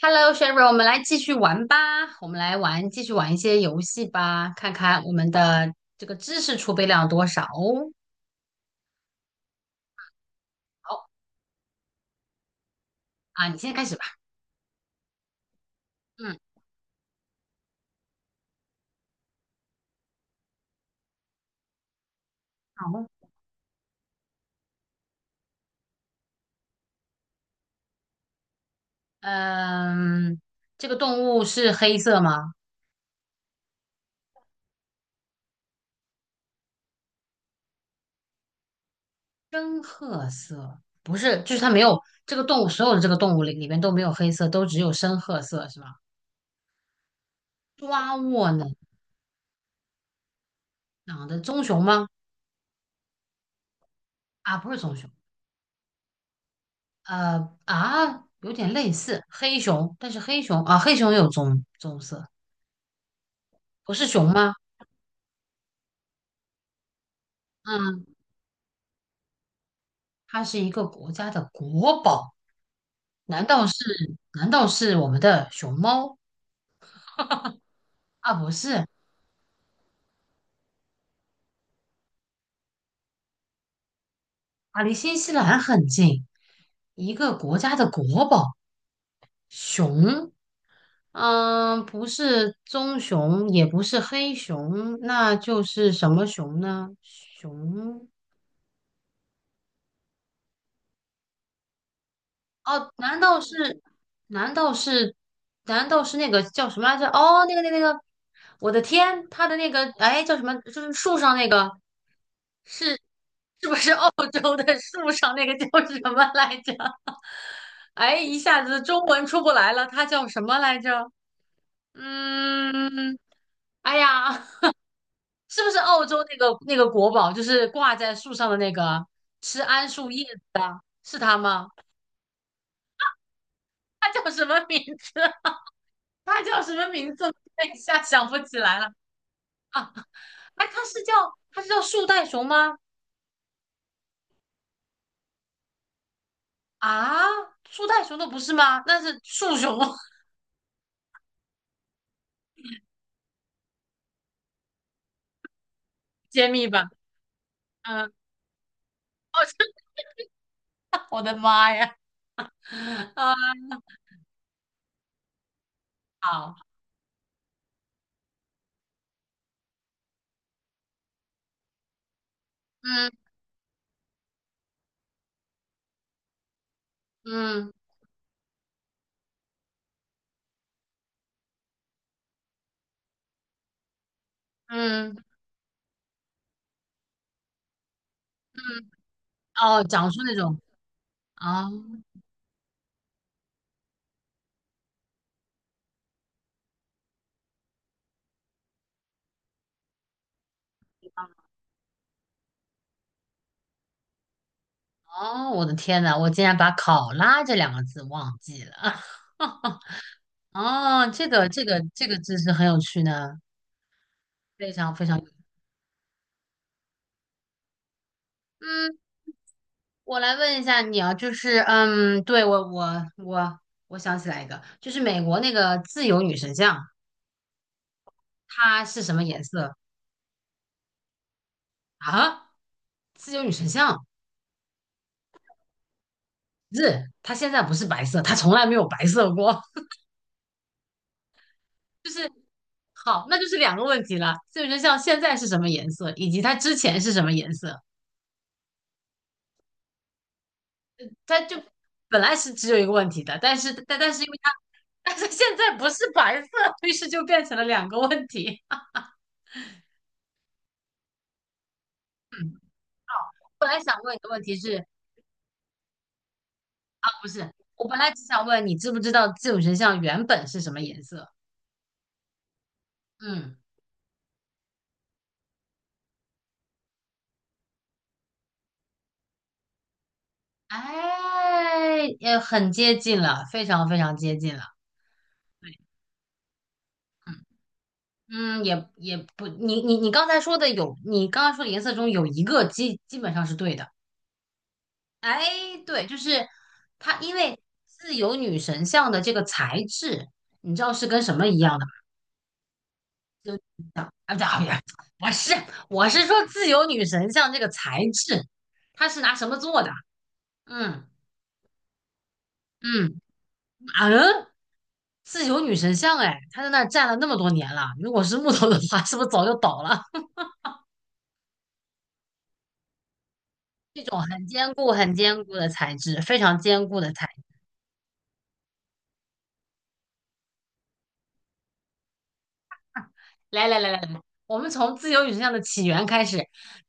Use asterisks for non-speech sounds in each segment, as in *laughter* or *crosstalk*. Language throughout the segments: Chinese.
Hello, Sherry，我们来继续玩吧。我们来玩，继续玩一些游戏吧，看看我们的这个知识储备量有多少哦。好啊，你先开始吧。嗯，好。嗯，这个动物是黑色吗？深褐色，不是，就是它没有这个动物，所有的这个动物里面都没有黑色，都只有深褐色，是吗？抓握呢？长的棕熊吗？啊，不是棕熊。有点类似黑熊，但是黑熊有棕色。不是熊吗？嗯，它是一个国家的国宝，难道是难道是我们的熊猫啊？不是，啊，离新西兰很近，一个国家的国宝，熊。嗯，不是棕熊，也不是黑熊，那就是什么熊呢？熊哦，难道是？难道是那个叫什么来着？哦，我的天，他的那个哎叫什么？就是树上那个是是不是澳洲的树上那个叫什么来着？*laughs* 哎，一下子中文出不来了，它叫什么来着？嗯，哎呀，*laughs* 是不是澳洲那个国宝，就是挂在树上的那个吃桉树叶子的，是它吗？它叫什么名字？他叫什么名字？我一下想不起来了。啊！哎，他是叫树袋熊吗？啊，树袋熊的不是吗？那是树熊，*laughs* 揭秘吧。嗯，哦，*laughs* 我的妈呀！啊，好，嗯嗯嗯嗯，哦，讲述那种啊。哦，我的天呐，我竟然把考拉这两个字忘记了。*laughs* 哦，这个知识很有趣呢，非常非常有。嗯，我来问一下你啊，就是对，我想起来一个，就是美国那个自由女神像，它是什么颜色啊？自由女神像不是，它现在不是白色，它从来没有白色过。*laughs* 就是好，那就是两个问题了。自由女神像现在是什么颜色，以及它之前是什么颜色？它就本来是只有一个问题的，但是但是因为它 *laughs*，但是现在不是白色，于是就变成了两个问题。*laughs* 嗯，好，我本来想问你的问题是。不是，我本来只想问你知不知道这种神像原本是什么颜色？嗯，哎，也很接近了，非常非常接近了。对，嗯嗯，也不，你刚才说的有，你刚刚说的颜色中有一个基本上是对的。哎，对，就是它，因为自由女神像的这个材质，你知道是跟什么一样的吗？就由女神像，啊不对,我是我是说自由女神像这个材质，它是拿什么做的？嗯。嗯，马人自由女神像，哎，他在那儿站了那么多年了。如果是木头的话，是不是早就倒了？*laughs* 这种很坚固、很坚固的材质，非常坚固的材质。来来来来来，我们从自由女神像的起源开始。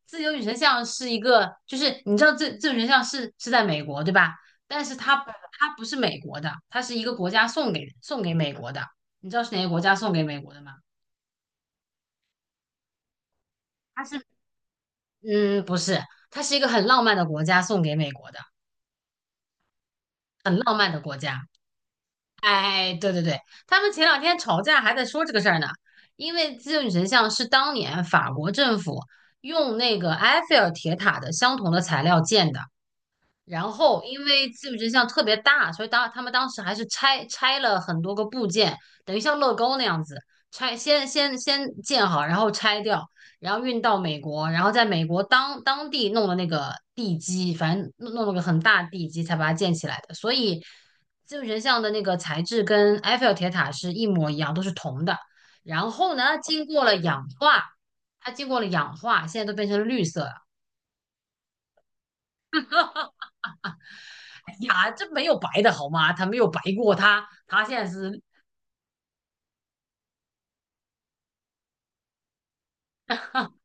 自由女神像是一个，就是你知道自由女神像是在美国对吧？但是它不是美国的，它是一个国家送给美国的。你知道是哪个国家送给美国的吗？它是不是，它是一个很浪漫的国家送给美国的。很浪漫的国家。哎，对对对，他们前两天吵架还在说这个事儿呢，因为自由女神像是当年法国政府用那个埃菲尔铁塔的相同的材料建的。然后因为技术真像特别大，所以当他们当时还是拆了很多个部件，等于像乐高那样子拆，先建好，然后拆掉，然后运到美国，然后在美国当地弄了那个地基，反正弄了个很大的地基才把它建起来的。所以技术真像的那个材质跟埃菲尔铁塔是一模一样，都是铜的。然后呢，经过了氧化，它经过了氧化，现在都变成绿色了。哎呀，这没有白的好吗？他没有白过，他他现在是 *laughs*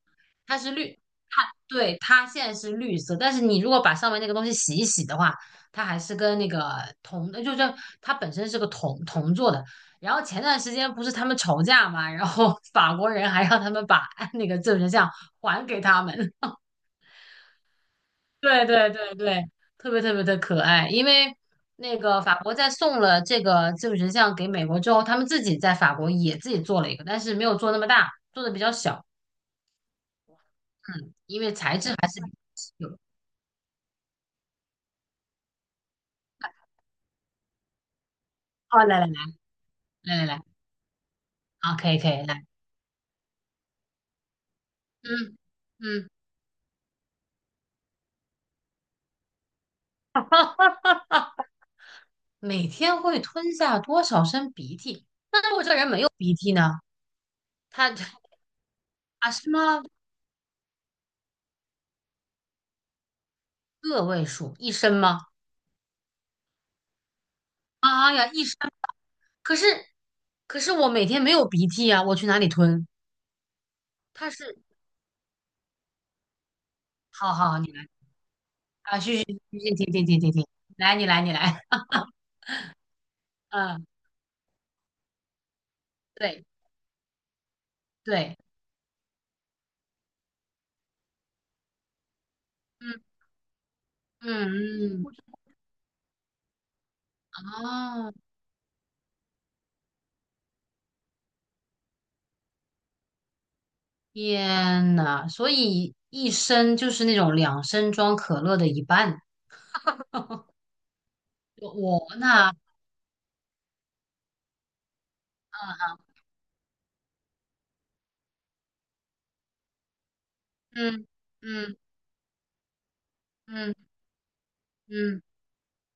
他是绿，他对，他现在是绿色，但是你如果把上面那个东西洗一洗的话，它还是跟那个铜，就是它本身是个铜做的。然后前段时间不是他们吵架嘛，然后法国人还让他们把那个证人像还给他们。对对对对，特别特别的可爱。因为那个法国在送了这个技术神像给美国之后，他们自己在法国也自己做了一个，但是没有做那么大，做的比较小。嗯，因为材质还是比较稀有。哦，来来来来来来，好，可以可以来，嗯嗯，*laughs* 哈哈哈每天会吞下多少升鼻涕？那如果这人没有鼻涕呢？他 *laughs* 啊什么个位数？一升吗？啊呀，一可是可是我每天没有鼻涕啊，我去哪里吞？它是，好好，你来啊，去去去去，停停停停停，来你来你来，*laughs* 嗯，对对，嗯嗯嗯，哦，天呐，所以一升就是那种两升装可乐的一半，我那。啊嗯嗯嗯嗯，嗯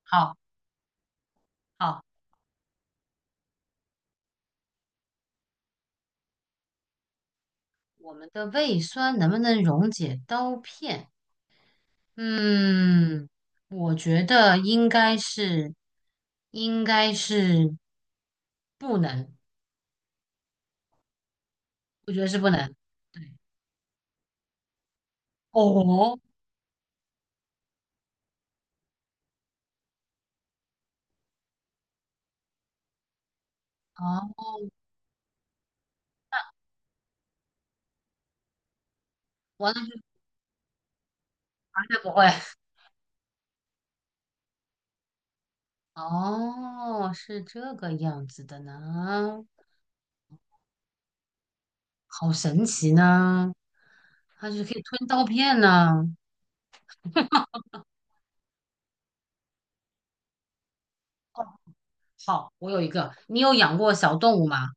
好好，我们的胃酸能不能溶解刀片？嗯，我觉得应该是，应该是不能，我觉得是不能。对，哦，啊，完了，绝不会。哦，是这个样子的呢，好神奇呢，它是可以吞刀片呢。哦，好，我有一个，你有养过小动物吗？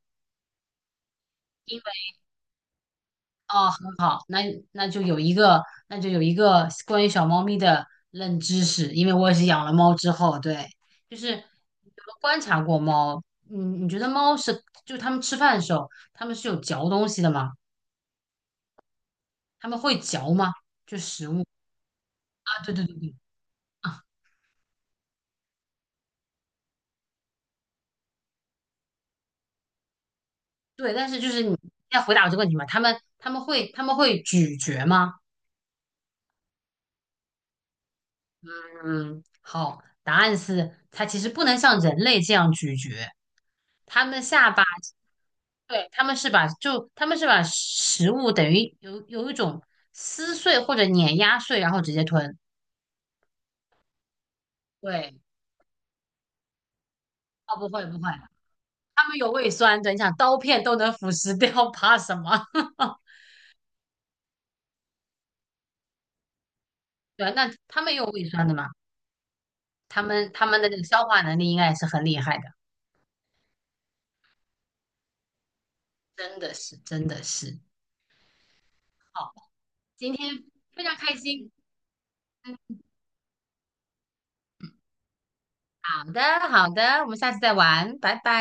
哦，很好，那就有一个关于小猫咪的冷知识，因为我也是养了猫之后，对，就是你有没有观察过猫？嗯，你觉得猫是，就它们吃饭的时候，它们是有嚼东西的吗？它们会嚼吗？就食物啊，对对对对啊，对，但是就是你要回答我这个问题嘛，它们会咀嚼吗？嗯，好，答案是它其实不能像人类这样咀嚼，它们的下巴。对，他们是把食物等于有一种撕碎或者碾压碎，然后直接吞。对，啊不会不会，他们有胃酸的，你想刀片都能腐蚀掉，怕什么？*laughs* 对啊，那他们也有胃酸的嘛，他们的这个消化能力应该也是很厉害的，真的是真的是。好，今天非常开心。嗯好的好的，我们下次再玩，拜拜。